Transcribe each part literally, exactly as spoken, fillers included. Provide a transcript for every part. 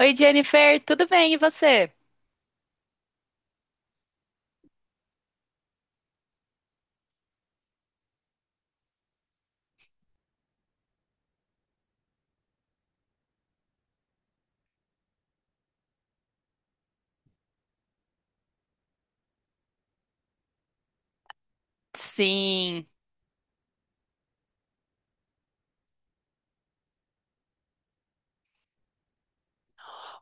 Oi, Jennifer, tudo bem? E você? Sim.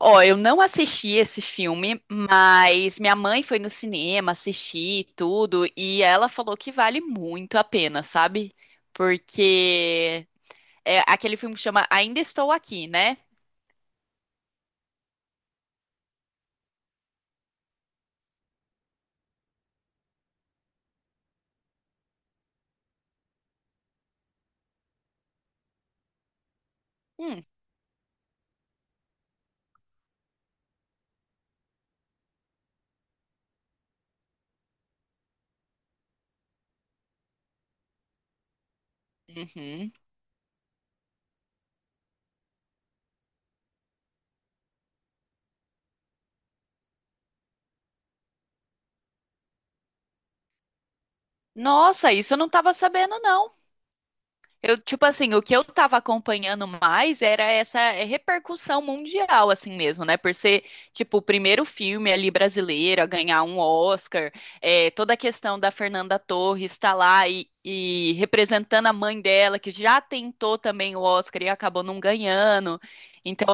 Ó, eu não assisti esse filme, mas minha mãe foi no cinema assistir e tudo e ela falou que vale muito a pena, sabe? Porque é, aquele filme que chama Ainda Estou Aqui, né? Hum, uhum. Nossa, isso eu não tava sabendo, não. Eu, tipo assim, o que eu tava acompanhando mais era essa é, repercussão mundial, assim mesmo, né? Por ser, tipo, o primeiro filme ali brasileiro a ganhar um Oscar, é, toda a questão da Fernanda Torres estar lá e, e representando a mãe dela, que já tentou também o Oscar e acabou não ganhando. Então,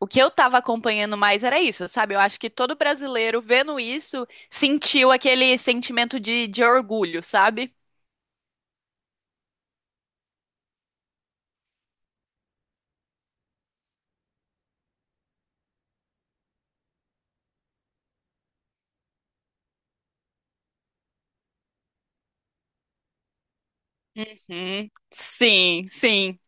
o que eu tava acompanhando mais era isso, sabe? Eu acho que todo brasileiro vendo isso sentiu aquele sentimento de, de orgulho, sabe? Uhum. Sim, sim.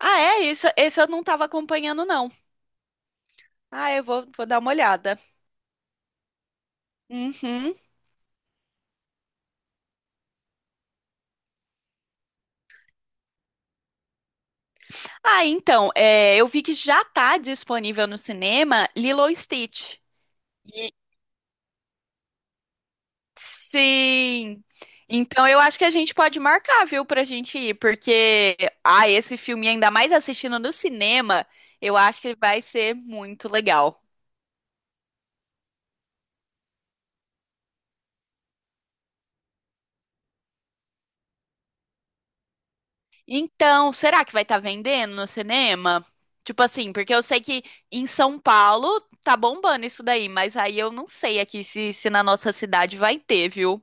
Ah, é isso. Esse eu não estava acompanhando, não. Ah, eu vou, vou dar uma olhada. Uhum. Ah, então, é, eu vi que já está disponível no cinema Lilo e Stitch. E- Sim. Então eu acho que a gente pode marcar, viu, pra gente ir, porque ah, esse filme, ainda mais assistindo no cinema, eu acho que vai ser muito legal. Então, será que vai estar vendendo no cinema? Tipo assim, porque eu sei que em São Paulo tá bombando isso daí, mas aí eu não sei aqui se, se na nossa cidade vai ter, viu?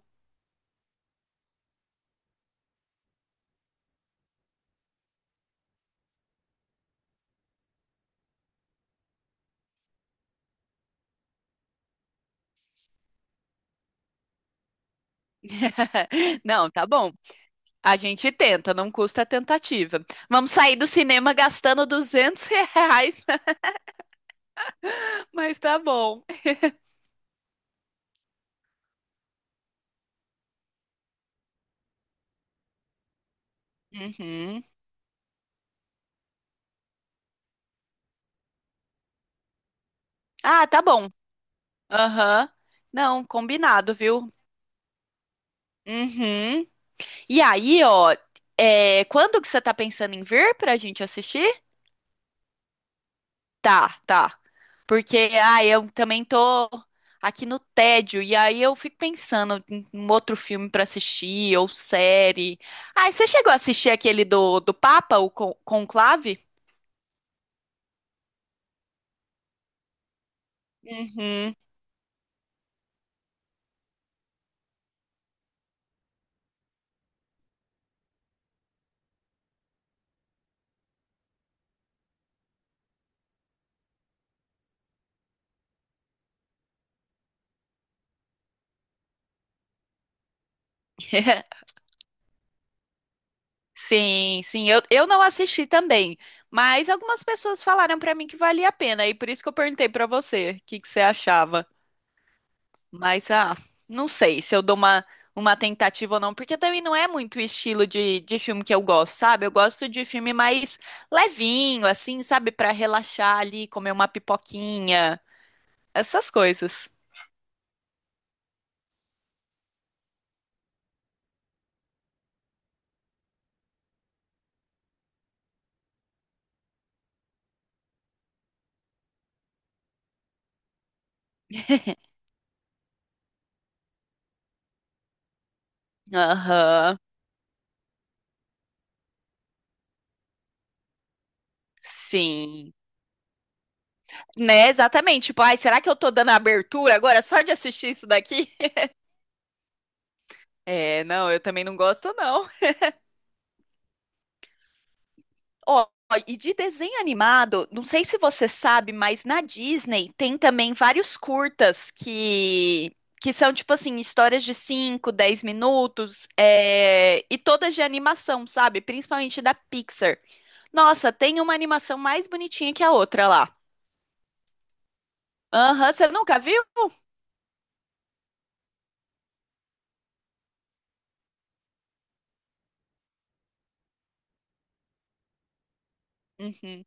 Não, tá bom. A gente tenta, não custa a tentativa. Vamos sair do cinema gastando duzentos reais, mas tá bom. Uhum. Ah, tá bom. Aham. Não, combinado, viu? Uhum. E aí, ó, é, quando que você tá pensando em vir pra gente assistir? Tá, tá. Porque, ah, eu também tô aqui no tédio, e aí eu fico pensando em um outro filme pra assistir, ou série. Ah, você chegou a assistir aquele do, do Papa, o Con- Conclave? Uhum. Sim, sim, eu, eu não assisti também, mas algumas pessoas falaram pra mim que valia a pena, e por isso que eu perguntei pra você o que que você achava. Mas, ah, não sei se eu dou uma, uma tentativa ou não, porque também não é muito o estilo de, de filme que eu gosto, sabe? Eu gosto de filme mais levinho, assim, sabe? Pra relaxar ali, comer uma pipoquinha, essas coisas. Aham, sim. Né, exatamente. Tipo, ai, será que eu tô dando abertura agora só de assistir isso daqui? É, não, eu também não gosto, não. Ó, e de desenho animado, não sei se você sabe, mas na Disney tem também vários curtas que, que são, tipo assim, histórias de cinco dez minutos, é, e todas de animação, sabe? Principalmente da Pixar. Nossa, tem uma animação mais bonitinha que a outra lá. Aham, você nunca viu? Uhum,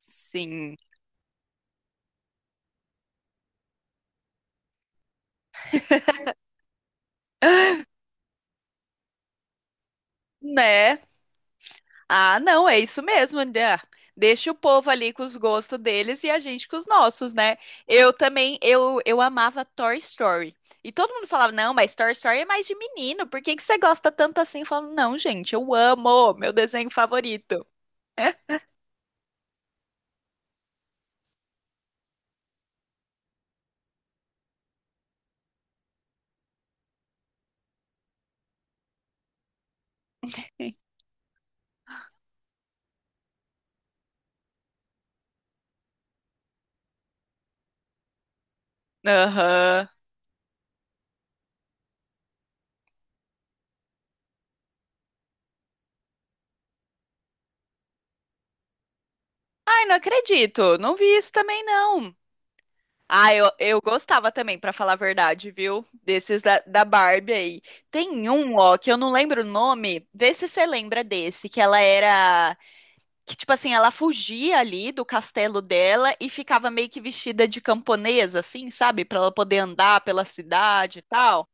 sim. Né? Ah, não, é isso mesmo, André. Deixa o povo ali com os gostos deles e a gente com os nossos, né? Eu também, eu, eu amava Toy Story. E todo mundo falava, não, mas Toy Story é mais de menino, por que que você gosta tanto assim? Eu falo, não, gente, eu amo, meu desenho favorito. Aham. Ai, não acredito, não vi isso também, não. Ah, eu, eu gostava também, pra falar a verdade, viu? Desses da, da Barbie aí. Tem um, ó, que eu não lembro o nome, vê se você lembra desse, que ela era. Que, tipo assim, ela fugia ali do castelo dela e ficava meio que vestida de camponesa, assim, sabe? Pra ela poder andar pela cidade e tal.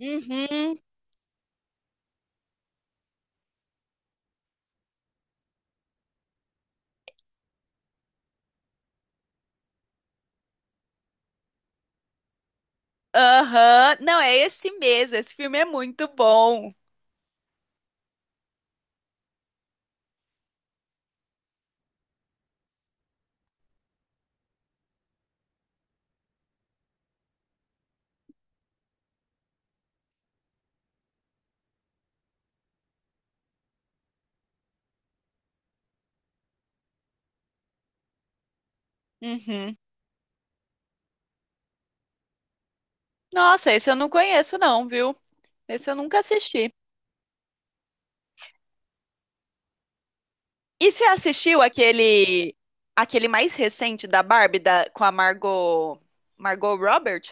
Uhum, aham. Não, é esse mesmo. Esse filme é muito bom. Uhum. Nossa, esse eu não conheço, não, viu? Esse eu nunca assisti. E você assistiu aquele aquele mais recente da Barbie da, com a Margot Margot Robert?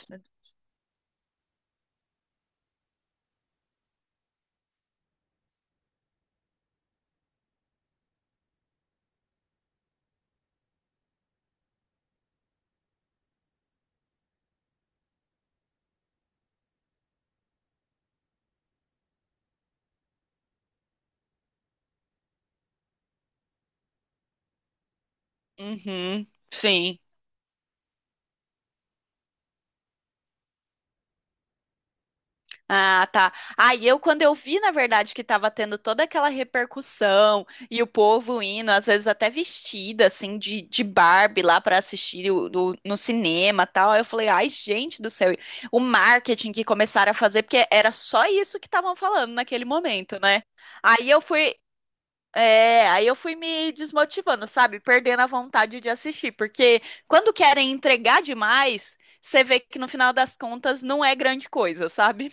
Uhum, sim. Ah, tá. Aí eu, quando eu vi, na verdade, que tava tendo toda aquela repercussão e o povo indo, às vezes até vestida, assim, de, de Barbie lá pra assistir o- do- no cinema e tal, aí eu falei, ai, gente do céu, o marketing que começaram a fazer, porque era só isso que estavam falando naquele momento, né? Aí eu fui. É, aí eu fui me desmotivando, sabe? Perdendo a vontade de assistir, porque quando querem entregar demais, você vê que no final das contas não é grande coisa, sabe?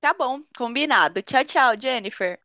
Tá bom, combinado. Tchau, tchau, Jennifer.